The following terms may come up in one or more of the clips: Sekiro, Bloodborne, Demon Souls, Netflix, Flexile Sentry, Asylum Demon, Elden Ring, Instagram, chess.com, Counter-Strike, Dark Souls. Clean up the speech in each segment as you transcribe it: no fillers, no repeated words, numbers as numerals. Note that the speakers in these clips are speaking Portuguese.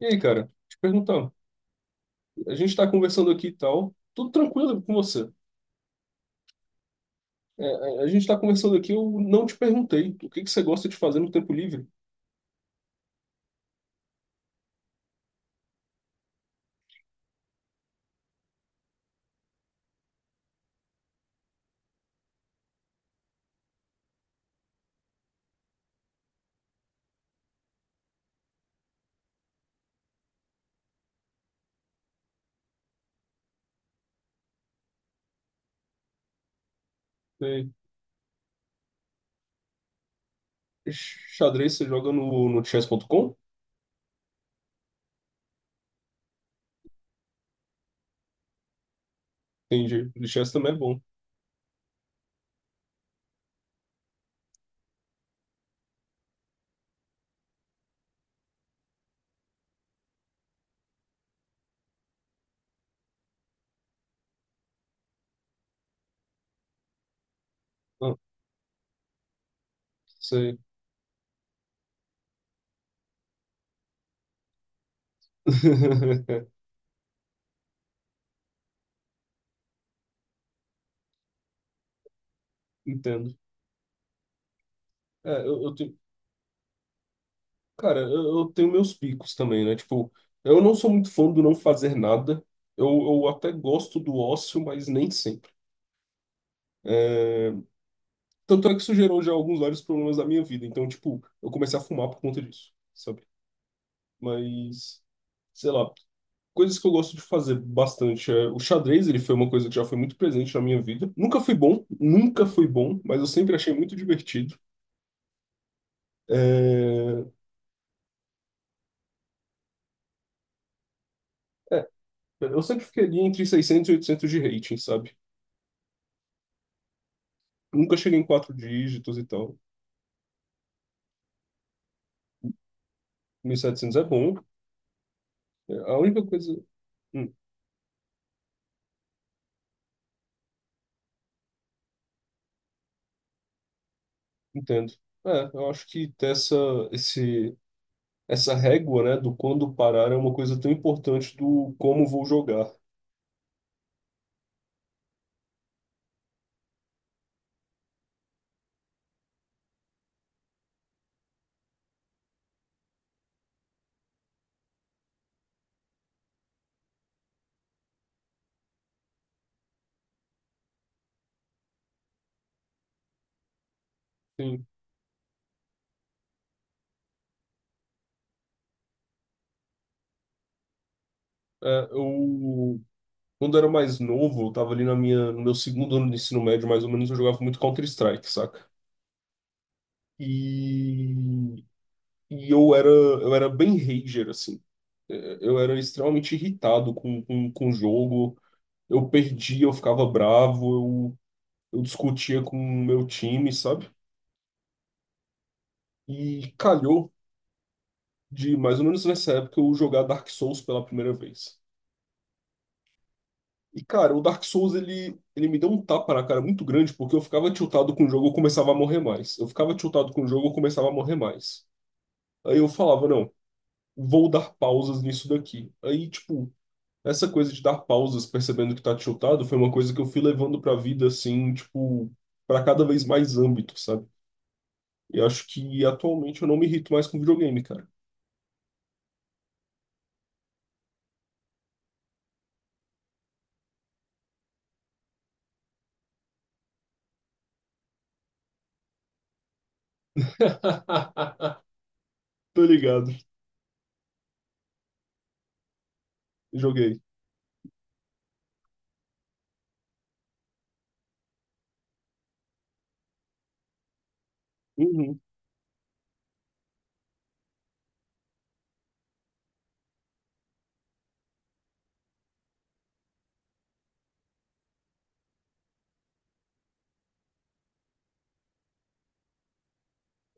E aí, cara, te perguntar, a gente tá conversando aqui e tal, tudo tranquilo com você. A gente tá conversando aqui, eu não te perguntei o que que você gosta de fazer no tempo livre. Você- xadrez você joga no chess.com? Entendi. De chess também é bom. Ah, sei. Entendo. É, eu tenho, cara, eu tenho meus picos também, né? Tipo, eu não sou muito fã do não fazer nada. Eu até gosto do ócio, mas nem sempre. É, tanto é que isso gerou já alguns vários problemas da minha vida. Então, tipo, eu comecei a fumar por conta disso, sabe? Mas, sei lá, coisas que eu gosto de fazer bastante. É, o xadrez, ele foi uma coisa que já foi muito presente na minha vida. Nunca fui bom, nunca fui bom, mas eu sempre achei muito divertido. É, é, eu sempre fiquei ali entre 600 e 800 de rating, sabe? Nunca cheguei em quatro dígitos e tal. Mil e setecentos é bom. É, a única coisa... Hum, entendo. É, eu acho que ter essa, esse, essa régua, né, do quando parar é uma coisa tão importante do como vou jogar. Sim, é, eu quando era mais novo, eu tava ali na minha no meu segundo ano de ensino médio, mais ou menos, eu jogava muito Counter-Strike, saca? E e eu era bem rager assim. É, eu era extremamente irritado com o jogo. Eu perdia, eu ficava bravo, eu discutia com o meu time, sabe? E calhou de mais ou menos nessa época eu jogar Dark Souls pela primeira vez. E, cara, o Dark Souls, ele me deu um tapa na cara muito grande, porque eu ficava tiltado com o jogo, eu começava a morrer mais. Eu ficava tiltado com o jogo, eu começava a morrer mais. Aí eu falava, não, vou dar pausas nisso daqui. Aí, tipo, essa coisa de dar pausas percebendo que tá tiltado foi uma coisa que eu fui levando pra vida, assim, tipo, pra cada vez mais âmbito, sabe? E acho que atualmente eu não me irrito mais com videogame, cara. Tô ligado, joguei. Uhum.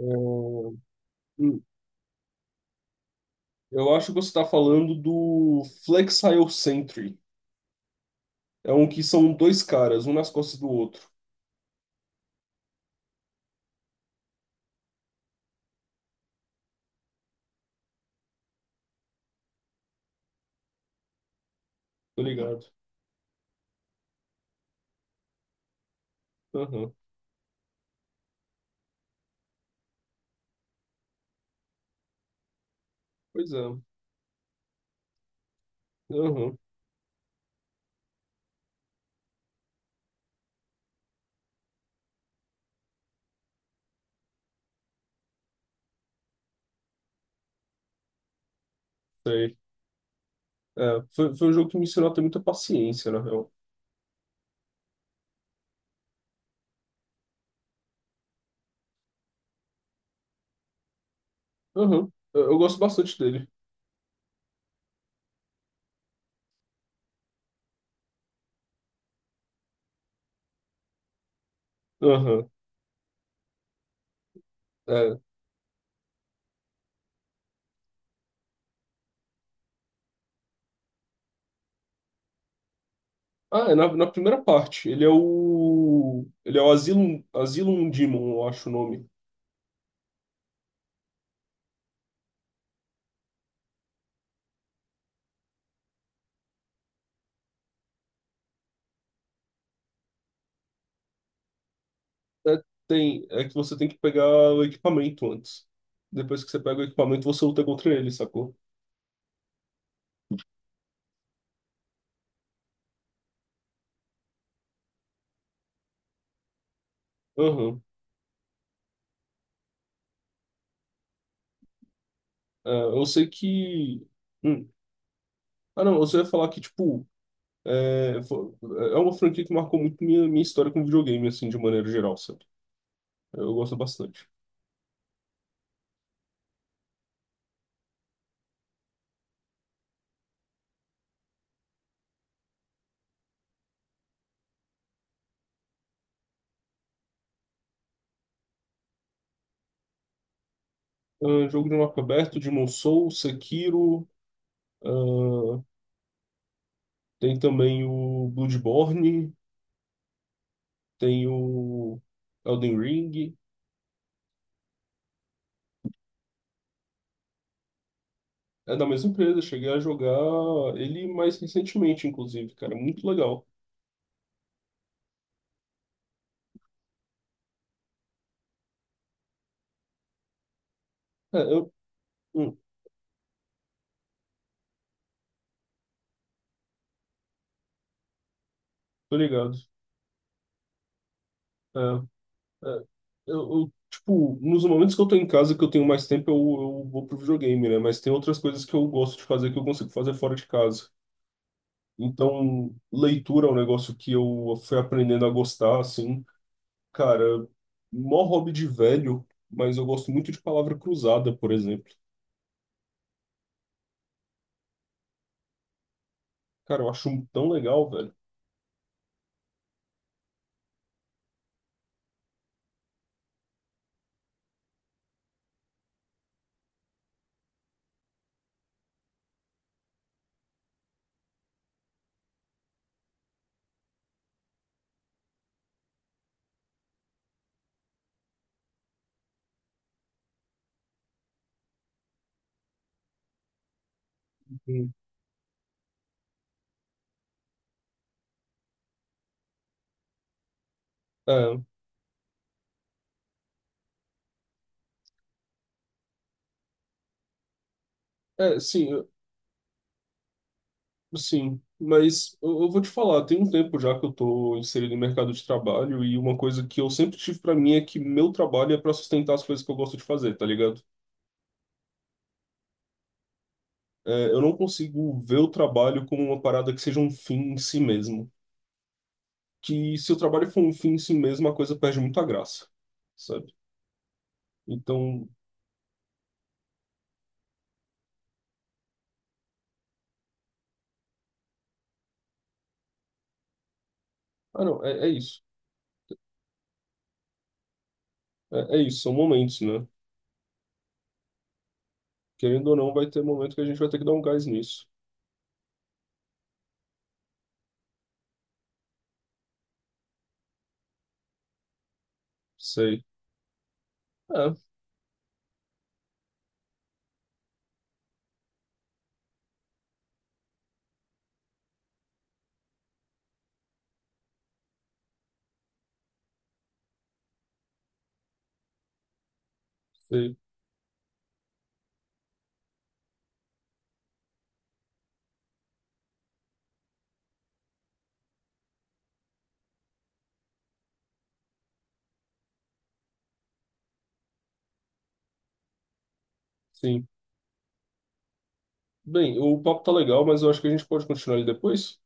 É, hum. eu acho que você está falando do Flexile Sentry. É um que são dois caras, um nas costas do outro. Tô ligado. Aham. Pois é. Aham. Sei. É, foi, foi um jogo que me ensinou a ter muita paciência, na real. Aham. Eu gosto bastante dele. Aham. É. Ah, é na, na primeira parte. Ele é o. Ele é o Asylum, Asylum Demon, eu acho o nome. É, tem, é que você tem que pegar o equipamento antes. Depois que você pega o equipamento, você luta contra ele, sacou? Aham. É, eu sei que. hum, Ah, não, você ia falar que, tipo, é, fo- é uma franquia que marcou muito minha, minha história com videogame, assim, de maneira geral, sabe? Eu gosto bastante. Ah, jogo de mapa aberto, Demon Souls, Sekiro, ah, tem também o Bloodborne, tem o Elden Ring. É da mesma empresa, cheguei a jogar ele mais recentemente, inclusive, cara, muito legal. É, eu, hum, tô ligado. É, é, eu, tipo, nos momentos que eu tô em casa, que eu tenho mais tempo, eu vou pro videogame, né? Mas tem outras coisas que eu gosto de fazer que eu consigo fazer fora de casa. Então, leitura é um negócio que eu fui aprendendo a gostar, assim. Cara, mó hobby de velho, mas eu gosto muito de palavra cruzada, por exemplo. Cara, eu acho tão legal, velho. Hum. É, é, sim. Sim, mas eu vou te falar, tem um tempo já que eu tô inserido no mercado de trabalho e uma coisa que eu sempre tive pra mim é que meu trabalho é pra sustentar as coisas que eu gosto de fazer, tá ligado? É, eu não consigo ver o trabalho como uma parada que seja um fim em si mesmo. Que se o trabalho for um fim em si mesmo, a coisa perde muita graça, sabe? Então, ah não, é, é isso. É, é isso, são momentos, né? Querendo ou não, vai ter momento que a gente vai ter que dar um gás nisso. Sei. É, sei. Sim. Bem, o papo tá legal, mas eu acho que a gente pode continuar ele depois.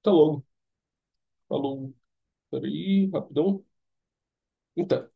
Até logo. Falou. Peraí, rapidão. Então.